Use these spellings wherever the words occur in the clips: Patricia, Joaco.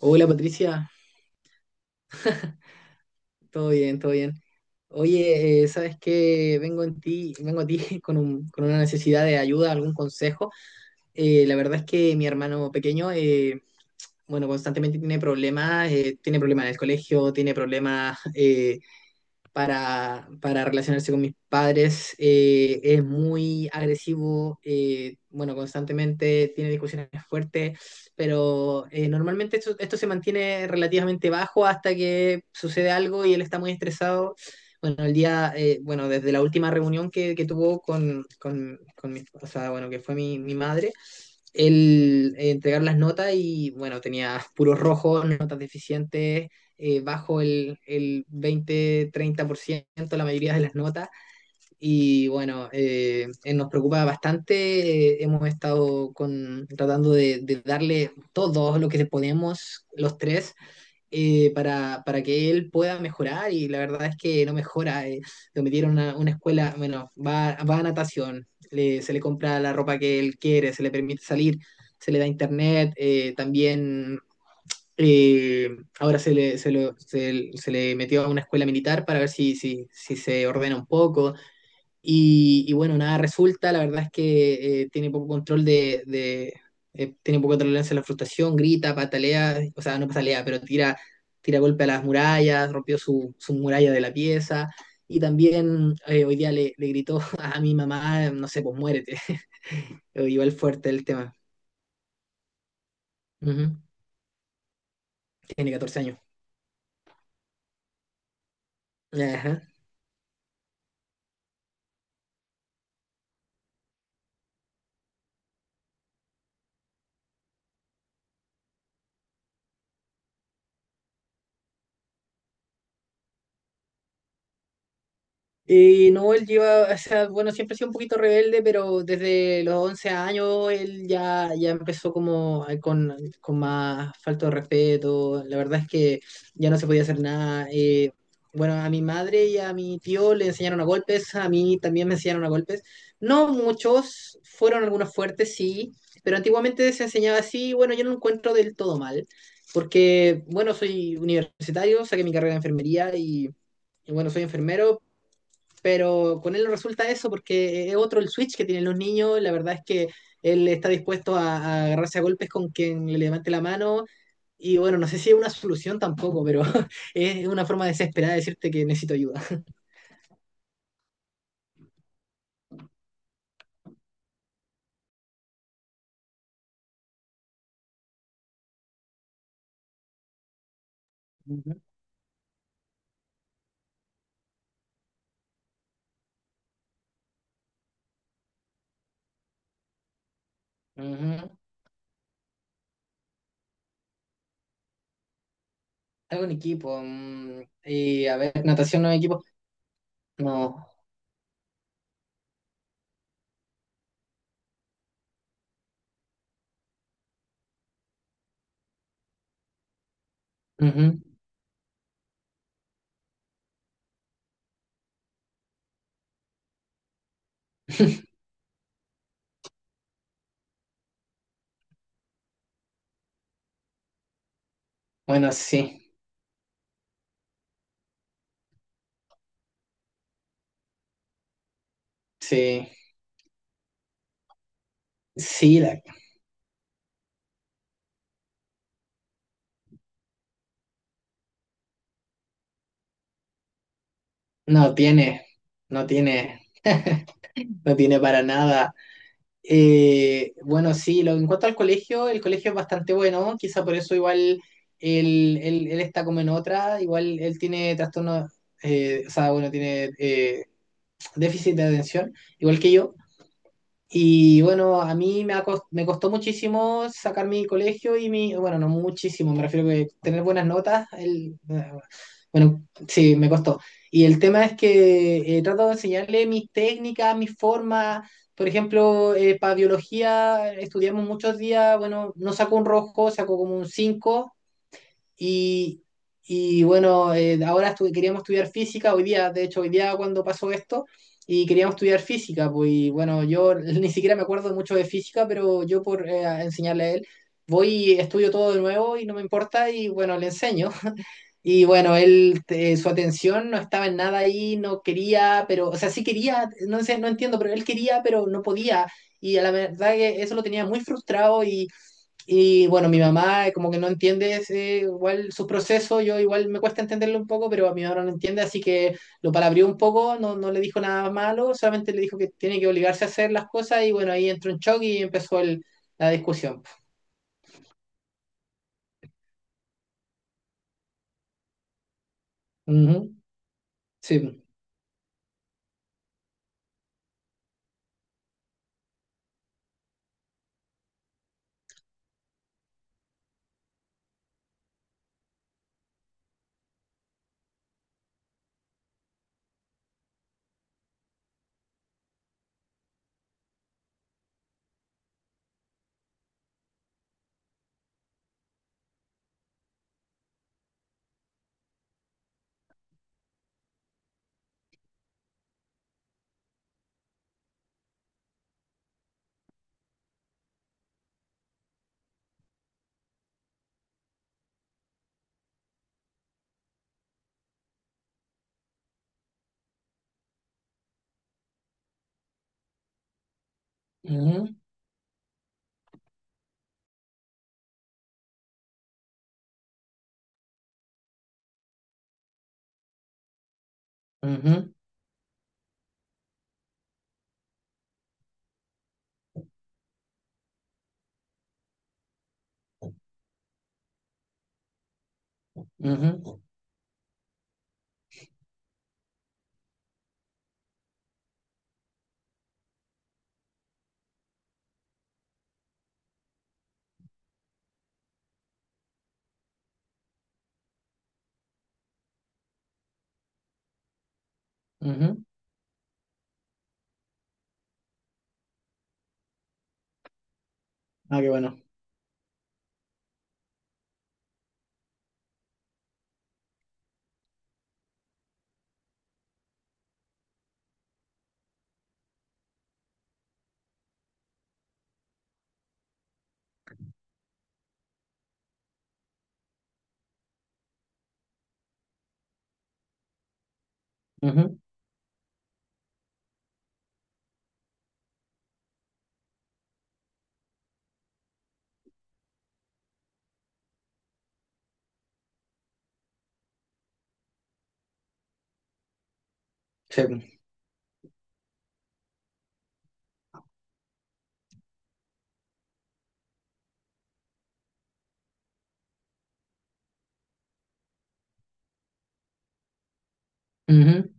Hola Patricia, todo bien, todo bien. Oye, ¿sabes qué? Vengo a ti con con una necesidad de ayuda, algún consejo. La verdad es que mi hermano pequeño, bueno, constantemente tiene problemas en el colegio, tiene problemas para relacionarse con mis padres. Es muy agresivo, bueno, constantemente tiene discusiones fuertes, pero normalmente esto se mantiene relativamente bajo hasta que sucede algo y él está muy estresado. Bueno, el día, bueno, desde la última reunión que tuvo con mi, o sea, bueno, que fue mi madre, el entregar las notas y bueno, tenía puros rojos, notas deficientes, bajo el 20-30% la mayoría de las notas y bueno, nos preocupa bastante, hemos estado con, tratando de darle todo lo que podemos los tres para que él pueda mejorar y la verdad es que no mejora. Lo metieron a una escuela, bueno, va a natación, se le compra la ropa que él quiere, se le permite salir, se le da internet, también eh, ahora se le, se lo- se- se le metió a una escuela militar para ver si se ordena un poco. Y bueno, nada resulta, la verdad es que tiene poco control tiene poca tolerancia a la frustración, grita, patalea, o sea, no patalea, pero tira, tira golpe a las murallas, rompió su muralla de la pieza, y también hoy día le gritó a mi mamá, no sé, pues muérete, igual fuerte el tema. Ujú. Tiene 14 años. Ajá. Y no, él lleva, o sea, bueno, siempre ha sido un poquito rebelde, pero desde los 11 años él ya empezó como con más falta de respeto. La verdad es que ya no se podía hacer nada. Bueno, a mi madre y a mi tío le enseñaron a golpes, a mí también me enseñaron a golpes. No muchos, fueron algunos fuertes, sí, pero antiguamente se enseñaba así. Y bueno, yo no lo encuentro del todo mal, porque, bueno, soy universitario, saqué mi carrera de enfermería y... Y bueno, soy enfermero, pero con él no resulta eso porque es otro el switch que tienen los niños. La verdad es que él está dispuesto a agarrarse a golpes con quien le levante la mano. Y bueno, no sé si es una solución tampoco, pero es una forma desesperada de decirte que necesito ayuda. Ujú, ujú. Algo en equipo. Mm, y a ver, natación no en equipo. No. Ujú. Bueno, sí, sí. Sí, la No tiene, no tiene, no tiene para nada. Bueno, sí, lo, en cuanto al colegio, el colegio es bastante bueno, quizá por eso igual él, él está como en otra, igual él tiene trastorno, o sea, bueno, tiene déficit de atención, igual que yo, y bueno, a me costó muchísimo sacar mi colegio y mi, bueno, no muchísimo, me refiero que tener buenas notas, el, bueno, sí, me costó. Y el tema es que trato de enseñarle mis técnicas, mis formas. Por ejemplo, para biología estudiamos muchos días, bueno, no saco un rojo, saco como un 5 y, y bueno, ahora queríamos estudiar física hoy día, de hecho hoy día cuando pasó esto, y queríamos estudiar física, pues y bueno, yo ni siquiera me acuerdo mucho de física, pero yo por enseñarle a él, voy y estudio todo de nuevo y no me importa y bueno, le enseño. Y bueno, él, su atención no estaba en nada ahí, no quería, pero, o sea, sí quería, no sé, no entiendo, pero él quería, pero no podía. Y a la verdad que eso lo tenía muy frustrado y bueno, mi mamá como que no entiende ese, igual su proceso, yo igual me cuesta entenderlo un poco, pero a mi mamá no lo entiende, así que lo palabrió un poco, no, no le dijo nada malo, solamente le dijo que tiene que obligarse a hacer las cosas y bueno, ahí entró en shock y empezó la discusión. Ujú, sí. Ujú, ujú, ujú, ujú. Ah, qué bueno. Ujú, sí. Ujú.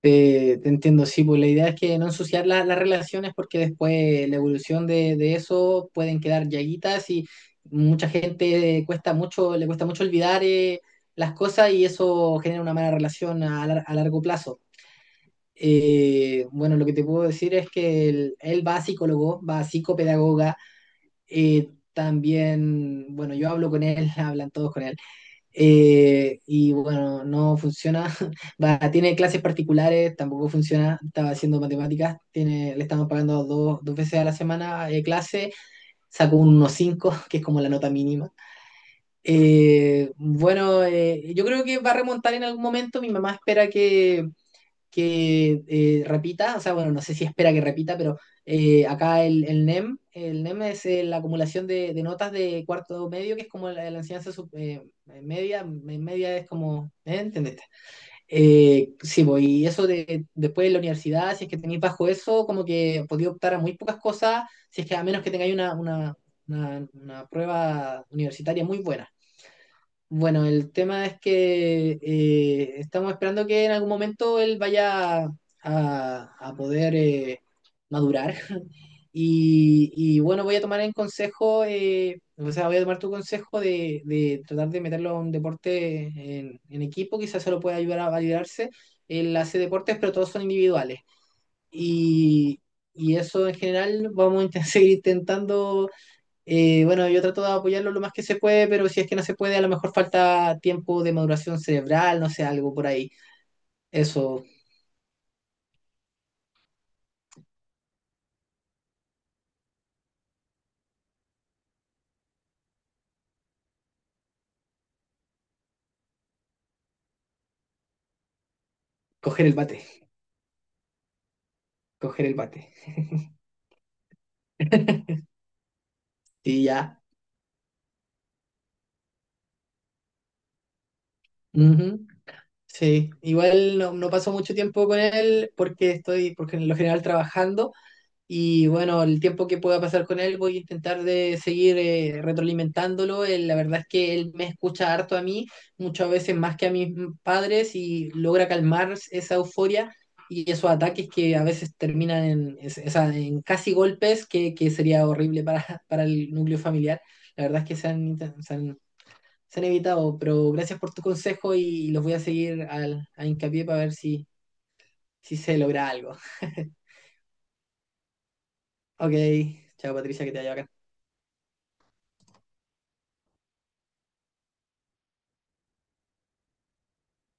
Te entiendo, sí, pues la idea es que no ensuciar las relaciones porque después la evolución de eso pueden quedar llaguitas y mucha gente cuesta mucho, le cuesta mucho olvidar las cosas y eso genera una mala relación a, a largo plazo. Bueno, lo que te puedo decir es que él va a psicólogo, va a psicopedagoga, también, bueno, yo hablo con él, hablan todos con él. Y bueno, no funciona. Va, tiene clases particulares, tampoco funciona. Estaba haciendo matemáticas, tiene, le estamos pagando dos veces a la semana clase. Sacó un 1,5 que es como la nota mínima. Bueno, yo creo que va a remontar en algún momento. Mi mamá espera que repita, o sea, bueno, no sé si espera que repita, pero acá NEM, el NEM es la acumulación notas de cuarto medio, que es como la enseñanza sub, media es como, ¿eh? ¿Entendiste? Sí, pues, y eso de, después de la universidad, si es que tenéis bajo eso, como que podéis optar a muy pocas cosas, si es que a menos que tengáis una prueba universitaria muy buena. Bueno, el tema es que estamos esperando que en algún momento él vaya a poder madurar. Y bueno, voy a tomar en consejo, o sea, voy a tomar tu consejo de tratar de meterlo a un deporte en equipo, quizás se lo pueda ayudar a validarse. Él hace deportes, pero todos son individuales. Y, y eso en general vamos a seguir intentando y bueno, yo trato de apoyarlo lo más que se puede, pero si es que no se puede, a lo mejor falta tiempo de maduración cerebral, no sé, algo por ahí. Eso, coger el bate, coger el bate. Y ya. Ujú. Sí, igual no paso mucho tiempo con él porque estoy, porque en lo general trabajando. Y bueno, el tiempo que pueda pasar con él voy a intentar de seguir retroalimentándolo. Él, la verdad es que él me escucha harto a mí, muchas veces más que a mis padres, y logra calmar esa euforia y esos ataques que a veces terminan en, en casi golpes, que sería horrible para, para el núcleo familiar. La verdad es que se han, inten- se han evitado, pero gracias por tu consejo y los voy a seguir a hincapié para ver si, si se logra algo. Ok, chao Patricia, que te haya bacán.